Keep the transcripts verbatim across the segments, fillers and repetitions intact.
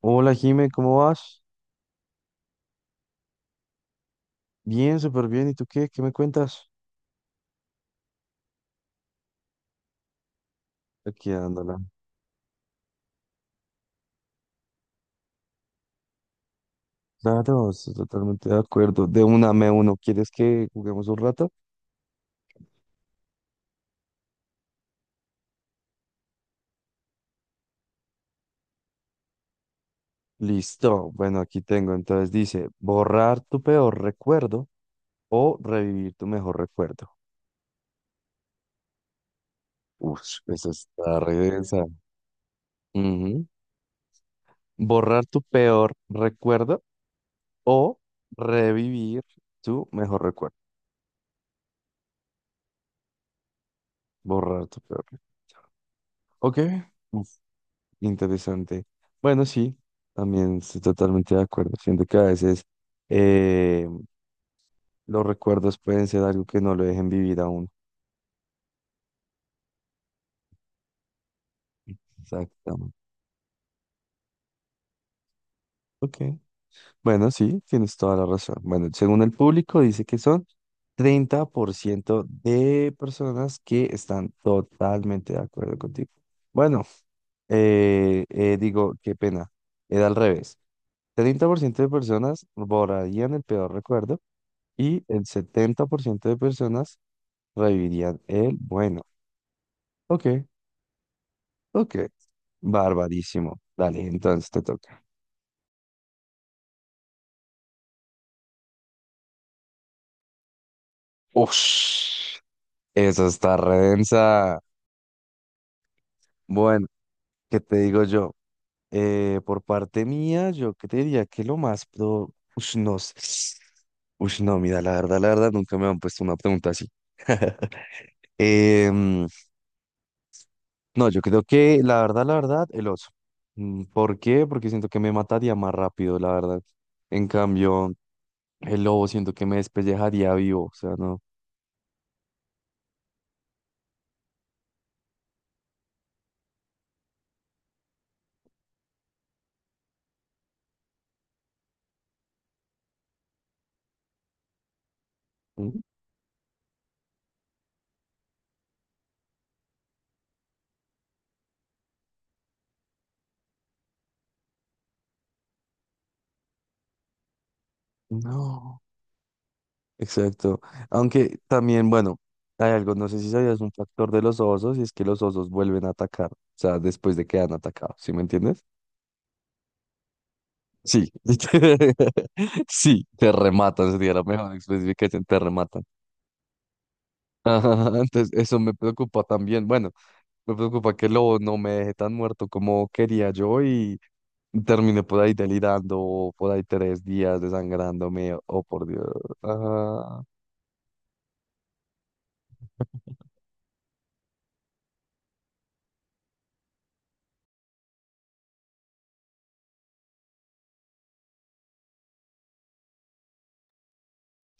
Hola Jime, ¿cómo vas? Bien, súper bien. ¿Y tú qué? ¿Qué me cuentas? Aquí dándola. Claro, estoy totalmente de acuerdo. De una me uno. ¿Quieres que juguemos un rato? Listo. Bueno, aquí tengo. Entonces dice, borrar tu peor recuerdo o revivir tu mejor recuerdo. Uf, eso está re densa. Ujú. Borrar tu peor recuerdo o revivir tu mejor recuerdo. Borrar tu peor recuerdo. Ok. Interesante. Bueno, sí, también estoy totalmente de acuerdo. Siento que a veces eh, los recuerdos pueden ser algo que no lo dejen vivir aún. Exactamente. Ok. Bueno, sí, tienes toda la razón. Bueno, según el público, dice que son treinta por ciento de personas que están totalmente de acuerdo contigo. Bueno, eh, eh, digo, qué pena. Era al revés. treinta por ciento de personas borrarían el peor recuerdo y el setenta por ciento de personas Revivirían el bueno. Ok, ok. Barbarísimo. Dale, entonces te toca. Ush, eso está redensa. Bueno, ¿qué te digo yo? Eh, por parte mía, yo que te diría que lo más pro. Ush, no sé. Ush, no, mira, la verdad, la verdad, nunca me han puesto una pregunta así. Em, no, yo creo que la verdad, la verdad, el oso. Mm, ¿Por qué? Porque siento que me mataría más rápido, la verdad. En cambio. El lobo siento que me despellejaría vivo, o sea, no. Mm, No. Exacto. Aunque también, bueno, hay algo, no sé si sabías un factor de los osos y es que los osos vuelven a atacar, o sea, después de que han atacado, ¿sí me entiendes? Sí. Sí, te rematan, sería la mejor especificación, te rematan. Ajá, entonces eso me preocupa también. Bueno, me preocupa que el lobo no me deje tan muerto como quería yo y Terminé por ahí delirando, por ahí tres días desangrándome, oh por Dios. Ah,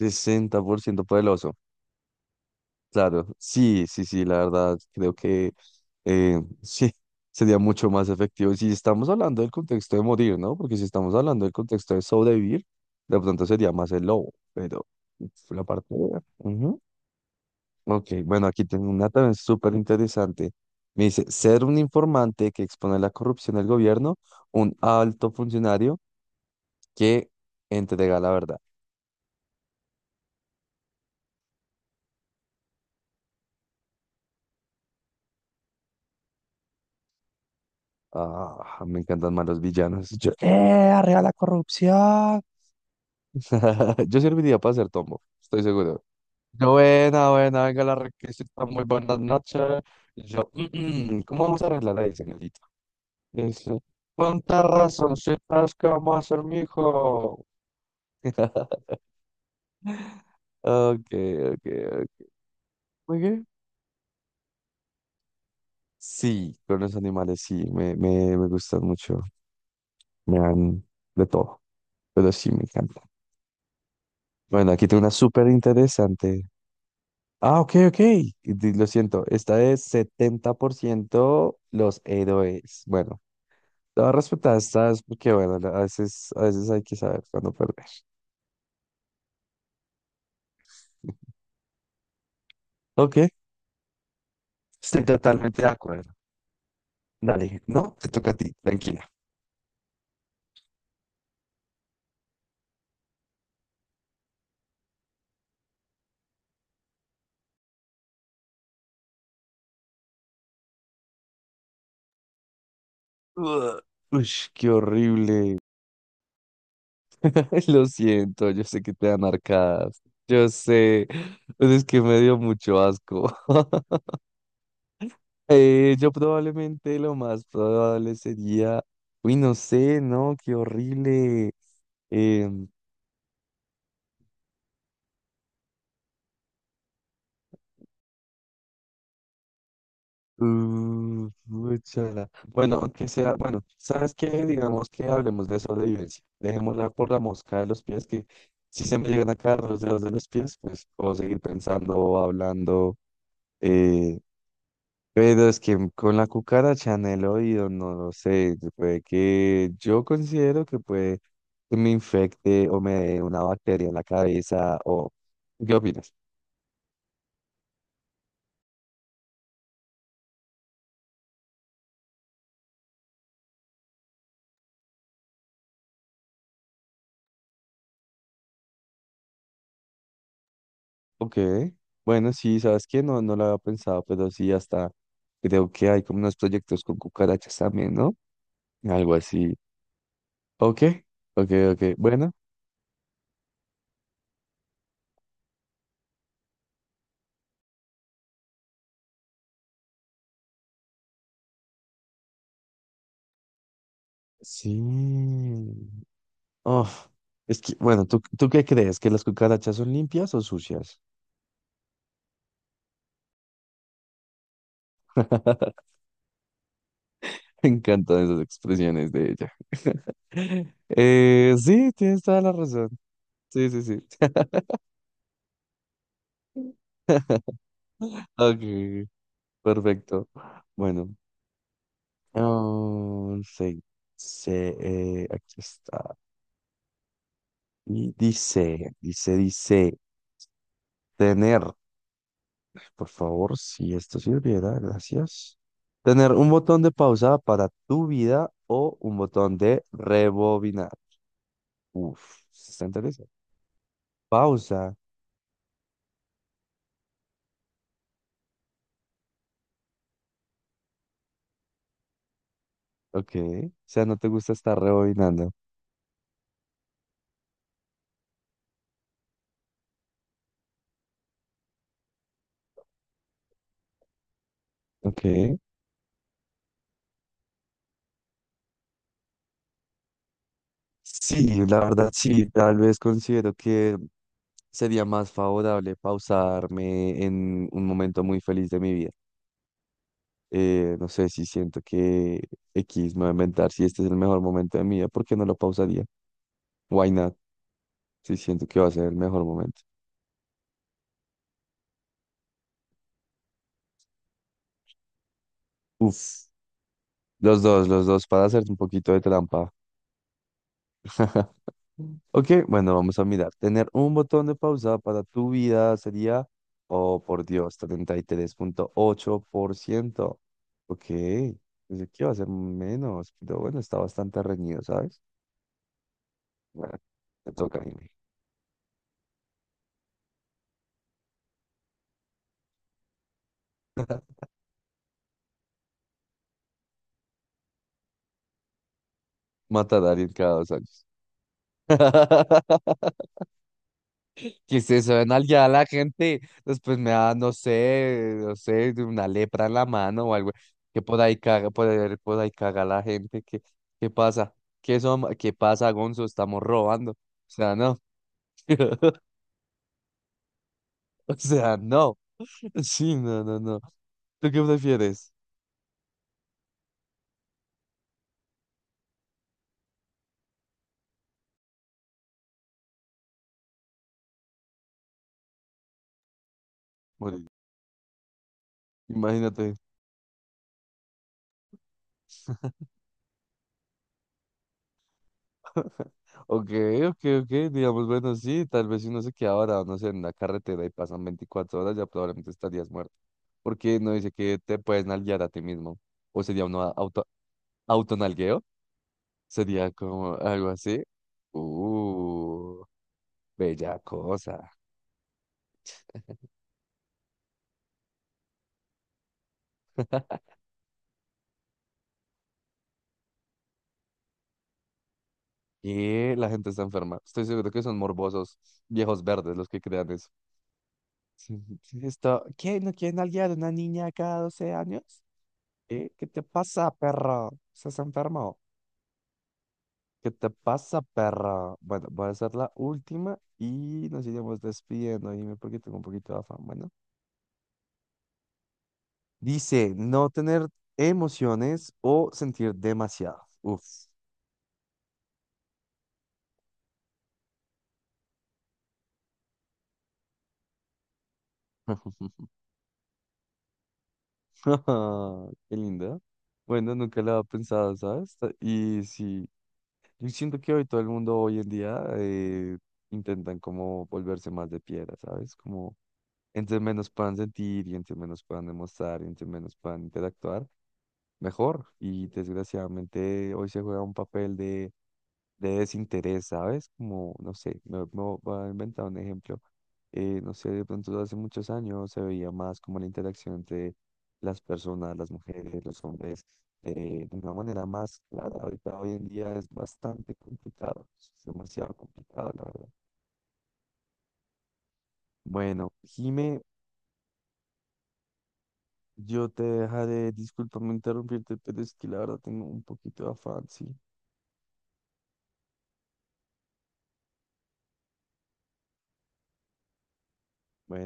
sesenta por ciento poderoso. Claro, sí, sí, sí, la verdad, creo que eh, sí, sería mucho más efectivo. Si estamos hablando del contexto de morir, ¿no? Porque si estamos hablando del contexto de sobrevivir, de pronto sería más el lobo, pero uf, la parte... Ok, bueno, aquí tengo una también súper interesante. Me dice, ser un informante que expone la corrupción del gobierno, un alto funcionario que entrega la verdad. Ah, me encantan más los villanos. Yo, ¡eh, arriba la corrupción! Yo serviría para ser Tombo, estoy seguro. Yo, buena, buena, venga la requisita, muy buenas noches. Yo, "Mm, mm, ¿cómo vamos a arreglar ahí, señorita? Dice, Con tal razón, soy como a ser mi hijo. Ok, ok, ok. Ok. Sí, con los animales sí, me, me, me gustan mucho. Me dan de todo, pero sí me encantan. Bueno, aquí tengo una súper interesante. Ah, ok, ok. y di- Lo siento, esta es setenta por ciento los héroes. Bueno, te voy a respetar estas porque, bueno, la- a veces, a veces hay que saber cuándo perder. Ok, estoy totalmente de acuerdo. Dale, no, te toca a ti, tranquila. Ugh, ush, qué horrible. Lo siento, yo sé que te dan arcadas. Yo sé, pues es que me dio mucho asco. Eh, yo probablemente lo más probable sería, uy, no sé, no, qué horrible. Em, uh, úchala. Bueno, que sea, bueno, ¿sabes qué? Digamos que hablemos de sobrevivencia. Dejémosla por la mosca de los pies, que si se me llegan a caer los dedos de los pies, pues puedo seguir pensando, hablando. eh, Pero es que con la cucaracha en el oído, no lo sé, puede que yo considero que puede que me infecte o me dé una bacteria en la cabeza o... ¿Qué opinas? Ok, bueno, sí, ¿sabes qué? No, no lo había pensado, pero sí, hasta creo que hay como unos proyectos con cucarachas también, ¿no? Algo así. Ok, ok, ok, bueno, sí. Oh, es que, bueno, ¿tú, tú qué crees? ¿Que las cucarachas son limpias o sucias? Me encantan esas expresiones de ella. Eh, sí, tienes toda la razón. Sí, sí, sí. Ok, perfecto. Bueno, oh, sí, sí, eh, aquí está. Y dice, dice, dice, tener, por favor, si esto sirviera, gracias. Tener un botón de pausa para tu vida o un botón de rebobinar. Uf, está interesante. Pausa. Ok, o sea, no te gusta estar rebobinando. Ok. Sí, la verdad sí, tal vez considero que sería más favorable pausarme en un momento muy feliz de mi vida. Eh, no sé si siento que X me va a inventar, si este es el mejor momento de mi vida, ¿por qué no lo pausaría? Why not? Si siento que va a ser el mejor momento. Uf, los dos, los dos, para hacer un poquito de trampa. Ok, bueno, vamos a mirar. Tener un botón de pausa para tu vida sería, oh por Dios, treinta y tres punto ocho por ciento. Ok, pensé que iba a ser menos, pero bueno, está bastante reñido, ¿sabes? Bueno, me toca a mí. Matar a alguien cada dos años. Que se suenan ya la gente, después me da, no sé, no sé, de una lepra en la mano o algo, que por ahí caga, por ahí, por ahí caga la gente, ¿qué, qué pasa? ¿Qué, som- ¿Qué pasa, Gonzo? Estamos robando. O sea, no. O sea, no. Sí, no, no, no. ¿Tú qué prefieres? Morir. Imagínate. Ok, ok, ok, digamos, bueno, sí, tal vez si uno se queda varado, no sé, en la carretera y pasan veinticuatro horas, ya probablemente estarías muerto. Porque no dice que te puedes nalguear a ti mismo. O sería un auto, autonalgueo, sería como algo así. Uh, bella cosa. Y la gente está enferma. Estoy seguro que son morbosos, viejos verdes los que crean eso. Sí, sí, Esto, ¿qué? ¿No quieren nalguear a una niña cada doce años? ¿Eh? ¿Qué te pasa, perro? ¿Estás enfermo? ¿Qué te pasa, perra? Bueno, voy a hacer la última y nos iremos despidiendo. Dime porque tengo un poquito de afán. Bueno, dice no tener emociones o sentir demasiado. Uf. Qué lindo. Bueno, nunca lo había pensado, ¿sabes? Ta- Y sí, yo siento que hoy todo el mundo hoy en día eh, intentan como volverse más de piedra, ¿sabes? Como entre menos puedan sentir y entre menos puedan demostrar y entre menos puedan interactuar mejor. Y desgraciadamente hoy se juega un papel de, de, desinterés, ¿sabes? Como, no sé, me, me voy a inventar un ejemplo. Eh, no sé, de pronto hace muchos años se veía más como la interacción entre las personas, las mujeres, los hombres, eh, de una manera más clara. Ahorita, hoy en día es bastante complicado, es demasiado complicado, la verdad. Bueno, Jime, yo te dejaré, discúlpame interrumpirte, pero es que la verdad tengo un poquito de afán, sí. Bueno.